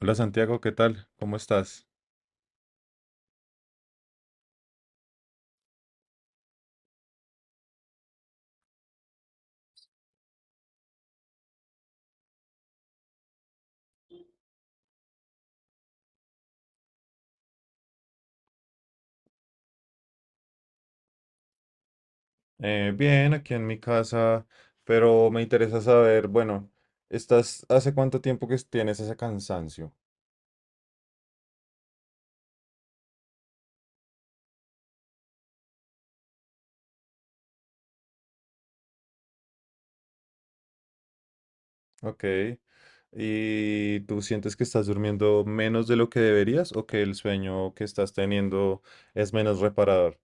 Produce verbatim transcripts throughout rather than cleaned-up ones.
Hola Santiago, ¿qué tal? ¿Cómo estás? Eh, bien, aquí en mi casa, pero me interesa saber, bueno, estás, ¿hace cuánto tiempo que tienes ese cansancio? Ok. ¿Y tú sientes que estás durmiendo menos de lo que deberías o que el sueño que estás teniendo es menos reparador?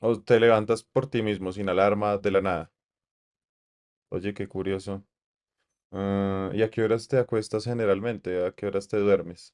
¿O te levantas por ti mismo sin alarma de la nada? Oye, qué curioso. Ah, ¿y a qué horas te acuestas generalmente? ¿A qué horas te duermes?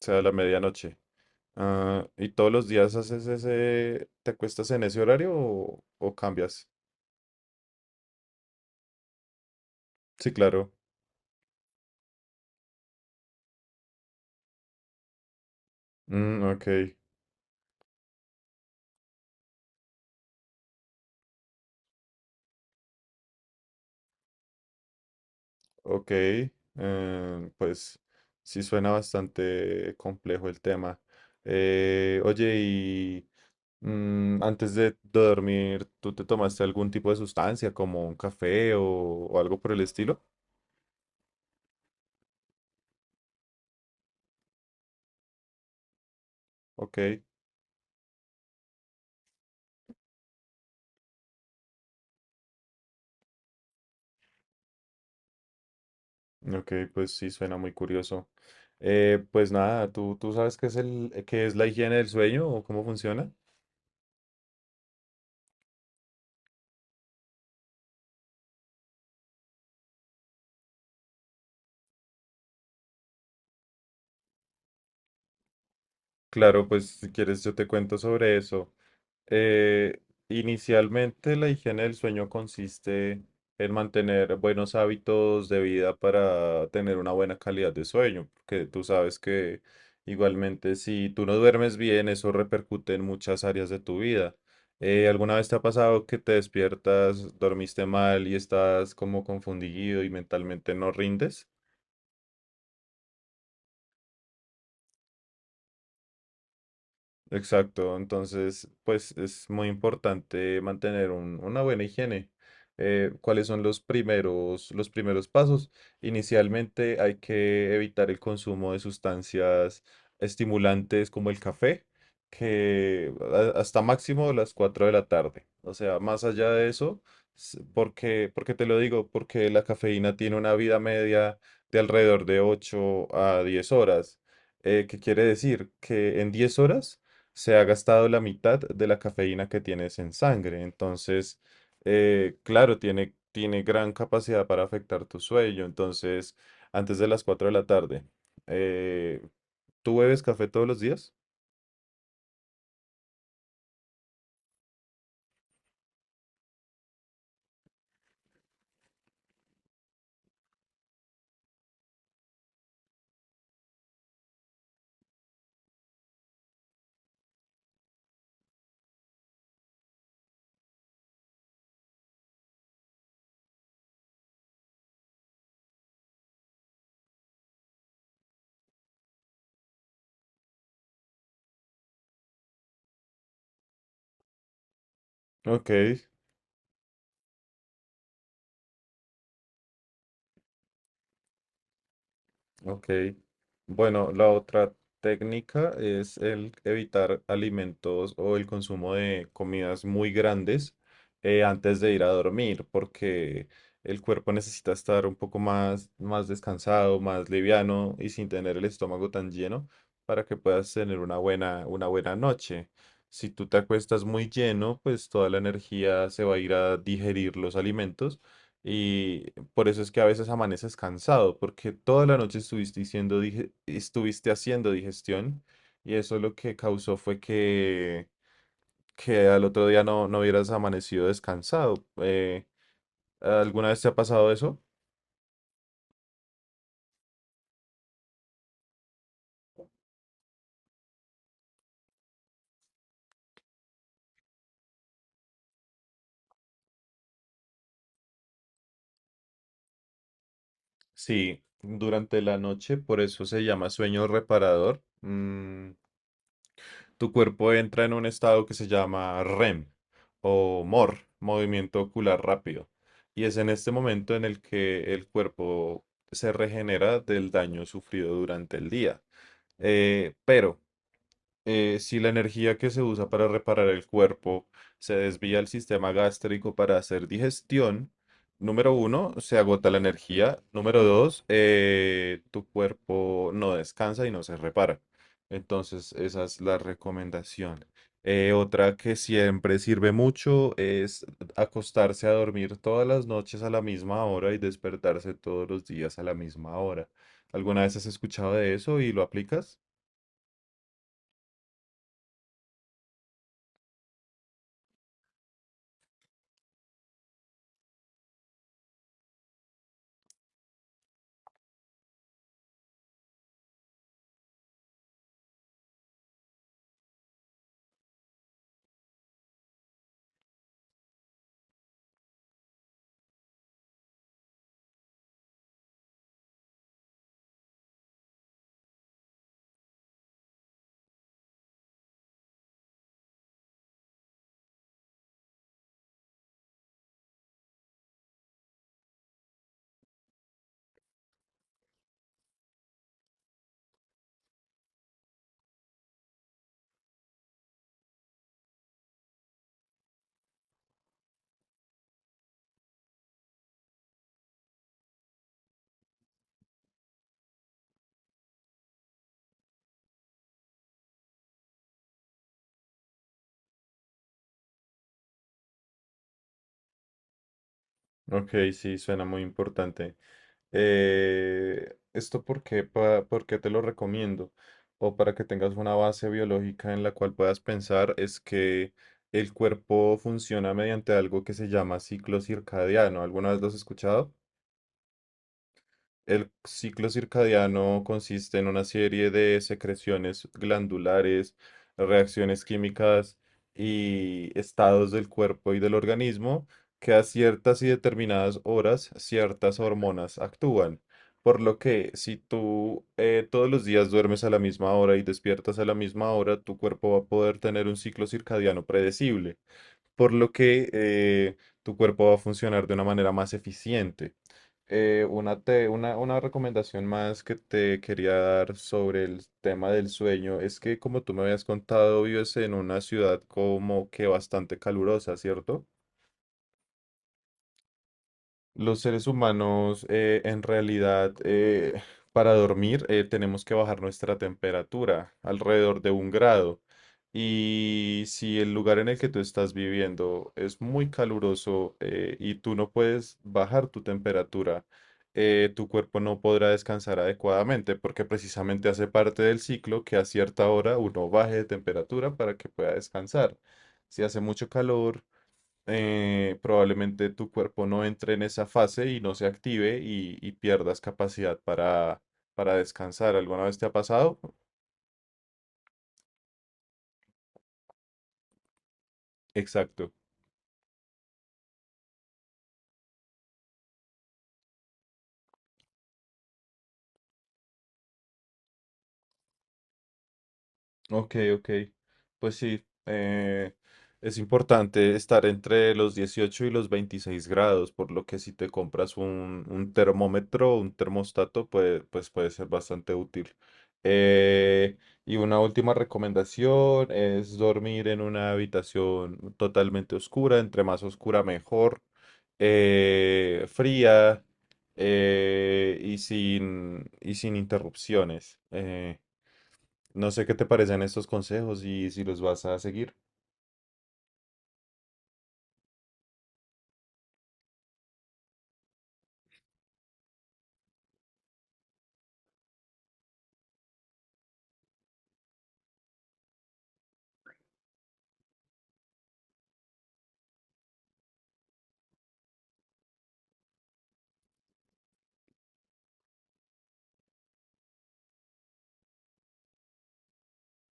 O sea, a la medianoche. Ah, ¿y todos los días haces ese, te acuestas en ese horario o, o cambias? Sí, claro. Mm, ok, ok. Eh, pues sí suena bastante complejo el tema. Eh, oye, y mm, antes de dormir, ¿tú te tomaste algún tipo de sustancia como un café o, o algo por el estilo? Ok, ok, pues sí suena muy curioso. Eh, pues nada, ¿tú, tú sabes qué es el, qué es la higiene del sueño o cómo funciona? Claro, pues si quieres yo te cuento sobre eso. Eh, Inicialmente la higiene del sueño consiste en mantener buenos hábitos de vida para tener una buena calidad de sueño, porque tú sabes que igualmente si tú no duermes bien, eso repercute en muchas áreas de tu vida. Eh, ¿alguna vez te ha pasado que te despiertas, dormiste mal y estás como confundido y mentalmente no rindes? Exacto, entonces pues es muy importante mantener un- una buena higiene. Eh, ¿cuáles son los primeros, los primeros pasos? Inicialmente hay que evitar el consumo de sustancias estimulantes como el café, que a- hasta máximo las cuatro de la tarde. O sea, más allá de eso, s- porque, porque te lo digo, porque la cafeína tiene una vida media de alrededor de ocho a diez horas. Eh, ¿qué quiere decir? Que en diez horas se ha gastado la mitad de la cafeína que tienes en sangre. Entonces, eh, claro, tiene, tiene gran capacidad para afectar tu sueño. Entonces, antes de las cuatro de la tarde, eh, ¿tú bebes café todos los días? Ok. Ok. Bueno, la otra técnica es el evitar alimentos o el consumo de comidas muy grandes eh, antes de ir a dormir, porque el cuerpo necesita estar un poco más, más descansado, más liviano y sin tener el estómago tan lleno para que puedas tener una buena, una buena noche. Si tú te acuestas muy lleno, pues toda la energía se va a ir a digerir los alimentos y por eso es que a veces amaneces cansado, porque toda la noche estuviste diciendo, dije, estuviste haciendo digestión y eso lo que causó fue que, que al otro día no, no hubieras amanecido descansado. Eh, ¿alguna vez te ha pasado eso? Sí, durante la noche, por eso se llama sueño reparador. Mm, tu cuerpo entra en un estado que se llama REM o MOR, movimiento ocular rápido. Y es en este momento en el que el cuerpo se regenera del daño sufrido durante el día. Eh, pero eh, si la energía que se usa para reparar el cuerpo se desvía al sistema gástrico para hacer digestión, número uno, se agota la energía. Número dos, eh, tu cuerpo no descansa y no se repara. Entonces, esa es la recomendación. Eh, otra que siempre sirve mucho es acostarse a dormir todas las noches a la misma hora y despertarse todos los días a la misma hora. ¿Alguna vez has escuchado de eso y lo aplicas? Ok, sí, suena muy importante. Eh, ¿esto por qué, pa- por qué te lo recomiendo? O para que tengas una base biológica en la cual puedas pensar es que el cuerpo funciona mediante algo que se llama ciclo circadiano. ¿Alguna vez lo has escuchado? El ciclo circadiano consiste en una serie de secreciones glandulares, reacciones químicas y estados del cuerpo y del organismo que a ciertas y determinadas horas ciertas hormonas actúan. Por lo que si tú eh, todos los días duermes a la misma hora y despiertas a la misma hora, tu cuerpo va a poder tener un ciclo circadiano predecible. Por lo que eh, tu cuerpo va a funcionar de una manera más eficiente. Eh, una, te- una, una recomendación más que te quería dar sobre el tema del sueño es que, como tú me habías contado, vives en una ciudad como que bastante calurosa, ¿cierto? Los seres humanos, eh, en realidad, eh, para dormir, eh, tenemos que bajar nuestra temperatura alrededor de un grado. Y si el lugar en el que tú estás viviendo es muy caluroso, eh, y tú no puedes bajar tu temperatura, eh, tu cuerpo no podrá descansar adecuadamente porque precisamente hace parte del ciclo que a cierta hora uno baje de temperatura para que pueda descansar. Si hace mucho calor, eh, probablemente tu cuerpo no entre en esa fase y no se active y, y pierdas capacidad para, para descansar. ¿Alguna vez te ha pasado? Exacto. Ok, ok. Pues sí, eh, es importante estar entre los dieciocho y los veintiséis grados, por lo que si te compras un, un termómetro, o un termostato, puede, pues puede ser bastante útil. Eh, y una última recomendación es dormir en una habitación totalmente oscura, entre más oscura mejor, eh, fría eh, y sin, y sin interrupciones. Eh, no sé qué te parecen estos consejos y si los vas a seguir.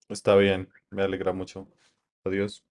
Está bien, me alegra mucho. Adiós.